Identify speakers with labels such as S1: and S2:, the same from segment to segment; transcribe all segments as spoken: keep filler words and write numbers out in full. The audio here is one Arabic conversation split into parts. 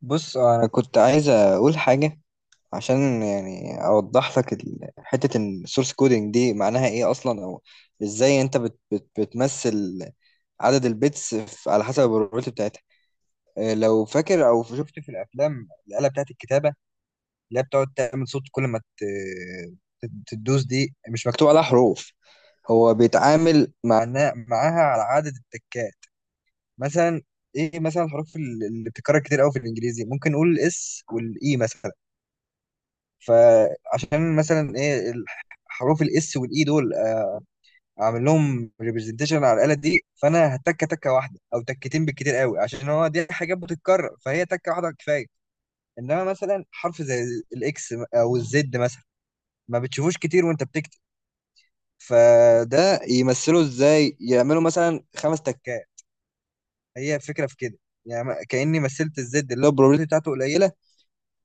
S1: بص انا كنت عايز اقول حاجه عشان يعني اوضح لك ال- حته السورس كودينج دي معناها ايه اصلا او ازاي انت بت بت بتمثل عدد البيتس في- على حسب البروبابيلتي بتاعتها. آه، لو فاكر او شفت في الافلام الاله بتاعت الكتابه اللي هي بتقعد تعمل صوت كل ما ت- تد- تدوس. دي مش مكتوب عليها حروف، هو بيتعامل معناه معاها على عدد التكات. مثلا ايه مثلا الحروف ال- اللي بتتكرر كتير قوي في الانجليزي؟ ممكن نقول الاس والاي مثلا. فعشان مثلا ايه ال- حروف الاس والاي دول آه، اعمل لهم ريبرزنتيشن على الاله دي، فانا هتكه تكه واحده او تكتين بالكتير قوي، عشان هو دي حاجات بتتكرر فهي تكه واحده كفايه. انما مثلا حرف زي الاكس او الزد مثلا ما بتشوفوش كتير وانت بتكتب، فده يمثله ازاي؟ يعملوا مثلا خمس تكات. هي الفكره في كده. يعني كاني مثلت الزد اللي هو البروبابيلتي بتاعته قليله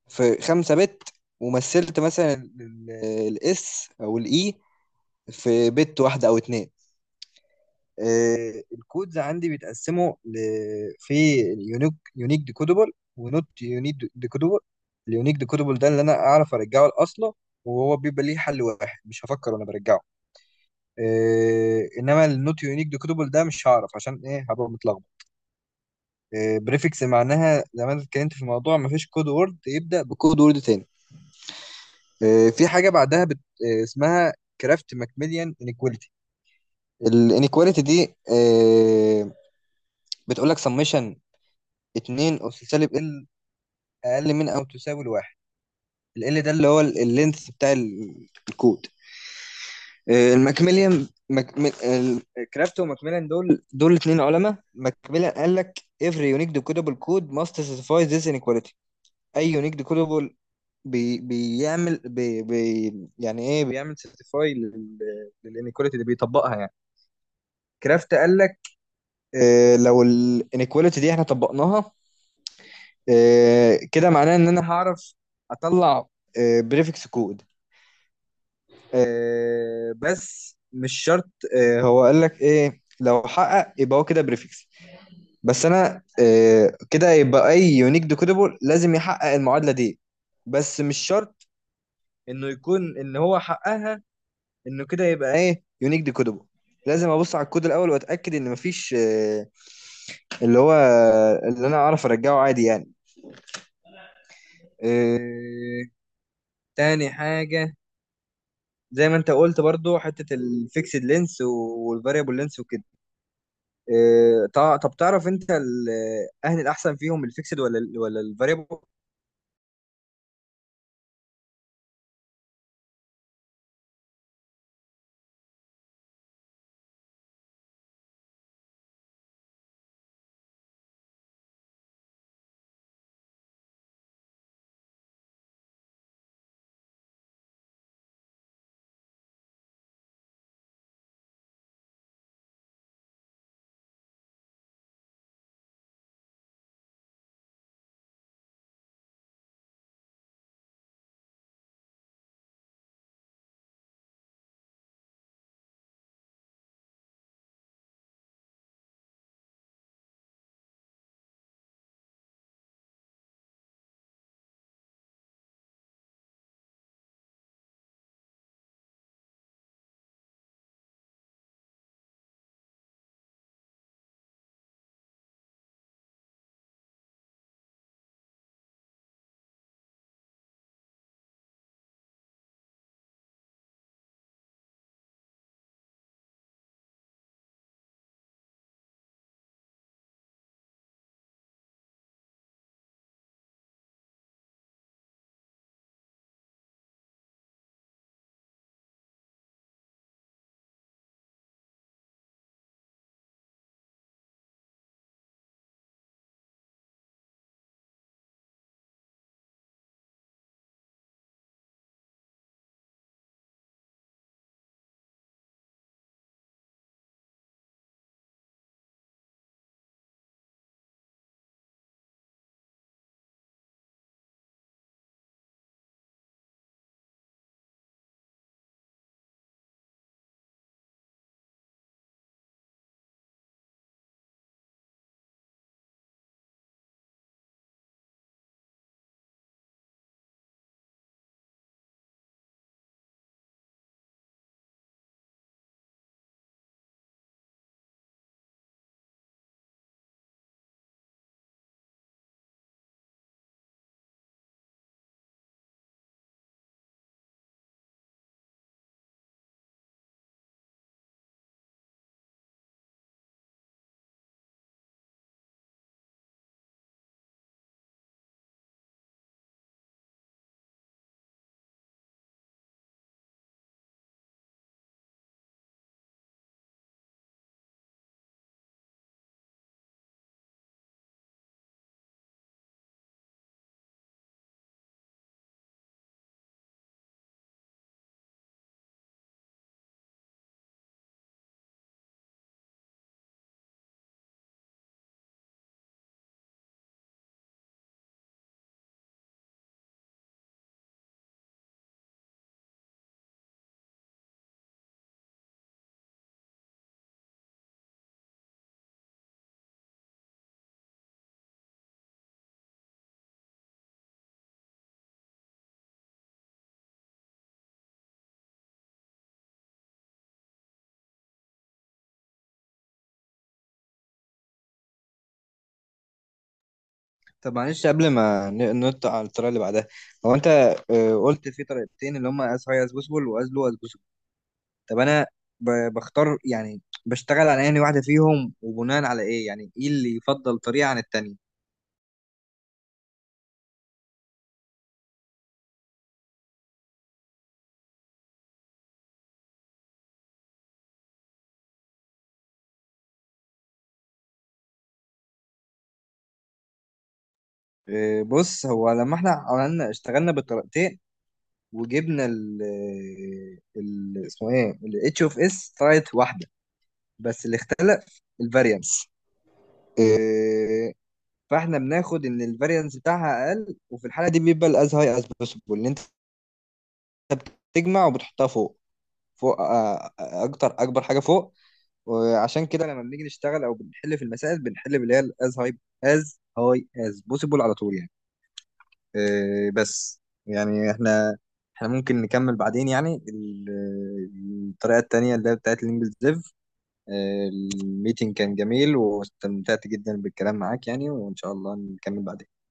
S1: في خمسة بت، ومثلت مثلا ال- ال- الاس او الاي في بت واحدة او اتنين. آه، الكودز عندي بيتقسموا ل... في يونيك يونيك ديكودبل ونوت يونيك ديكودبل. اليونيك ديكودبل ده اللي انا اعرف ارجعه لاصله، وهو بيبقى ليه حل واحد مش هفكر وانا برجعه. إيه انما النوت يونيك ديكودبل ده مش هعرف عشان ايه، هبقى متلخبط. إيه بريفكس معناها زي ما أنا اتكلمت في الموضوع، مفيش كود وورد يبدا بكود وورد تاني. آه، في حاجه بعدها بت... آه، اسمها كرافت ماكميليان انيكواليتي. الانيكواليتي دي آه، بتقول لك سميشن اتنين اس سالب ال، اقل من او تساوي الواحد. ال ال ده اللي هو اللينث بتاع ال- الكود. آه، الماكميليان ماك... مي- ال- كرافت وماكميليان دول دول اتنين علماء. ماكميليان قال لك every unique decodable code must satisfy this inequality. اي يونيك ديكودبل بي بيعمل بي بي يعني ايه بيعمل؟ سيرتيفاي للانيكواليتي اللي بيطبقها يعني. كرافت قال لك آه لو الانيكواليتي دي احنا طبقناها، آه كده معناه ان انا هعرف اطلع آه بريفكس كود، آه بس مش شرط. آه هو قال لك ايه، لو حقق يبقى هو كده بريفكس، بس انا آه كده يبقى اي يونيك ديكودبل لازم يحقق المعادله دي، بس مش شرط انه يكون ان هو حققها انه كده يبقى ايه يونيك ديكودبل. لازم ابص على الكود الاول واتاكد ان مفيش آه، اللي هو اللي انا اعرف ارجعه عادي يعني. آه، تاني حاجه زي ما انت قلت برضو حته الفيكسد لينس والفاريبل لينس وكده. آه، تع- طب تعرف انت ال- اهل الاحسن فيهم الفيكسد ولا ال ولا الفاريبل؟ طب معلش قبل ما ن- ننط على الطريقه اللي بعدها، هو انت آه، قلت في طريقتين اللي هم از هاي از بوسبل واز لو از. طب انا ب- بختار يعني بشتغل على انهي واحده فيهم، وبناء على ايه يعني ايه اللي يفضل طريقه عن التانية؟ إيه، بص هو لما احنا عملنا اشتغلنا بالطريقتين وجبنا ال ال اسمه ايه ال اتش اوف اس، طلعت واحده بس اللي اختلف الفاريانس. فاحنا بناخد ان الفاريانس بتاعها اقل، وفي الحاله دي بيبقى الاز هاي از بوسيبل اللي انت بتجمع وبتحطها فوق فوق آه، آه، اكتر اكبر حاجه فوق. وعشان كده لما بنيجي نشتغل او بنحل في المسائل بنحل باللي هي از هاي از هاي از بوسيبل على طول يعني. آه، بس يعني احنا احنا ممكن نكمل بعدين يعني ال- الطريقة التانية اللي هي بتاعت الانجليز ديف. آه، الميتنج كان جميل واستمتعت جدا بالكلام معاك يعني، وان شاء الله نكمل بعدين.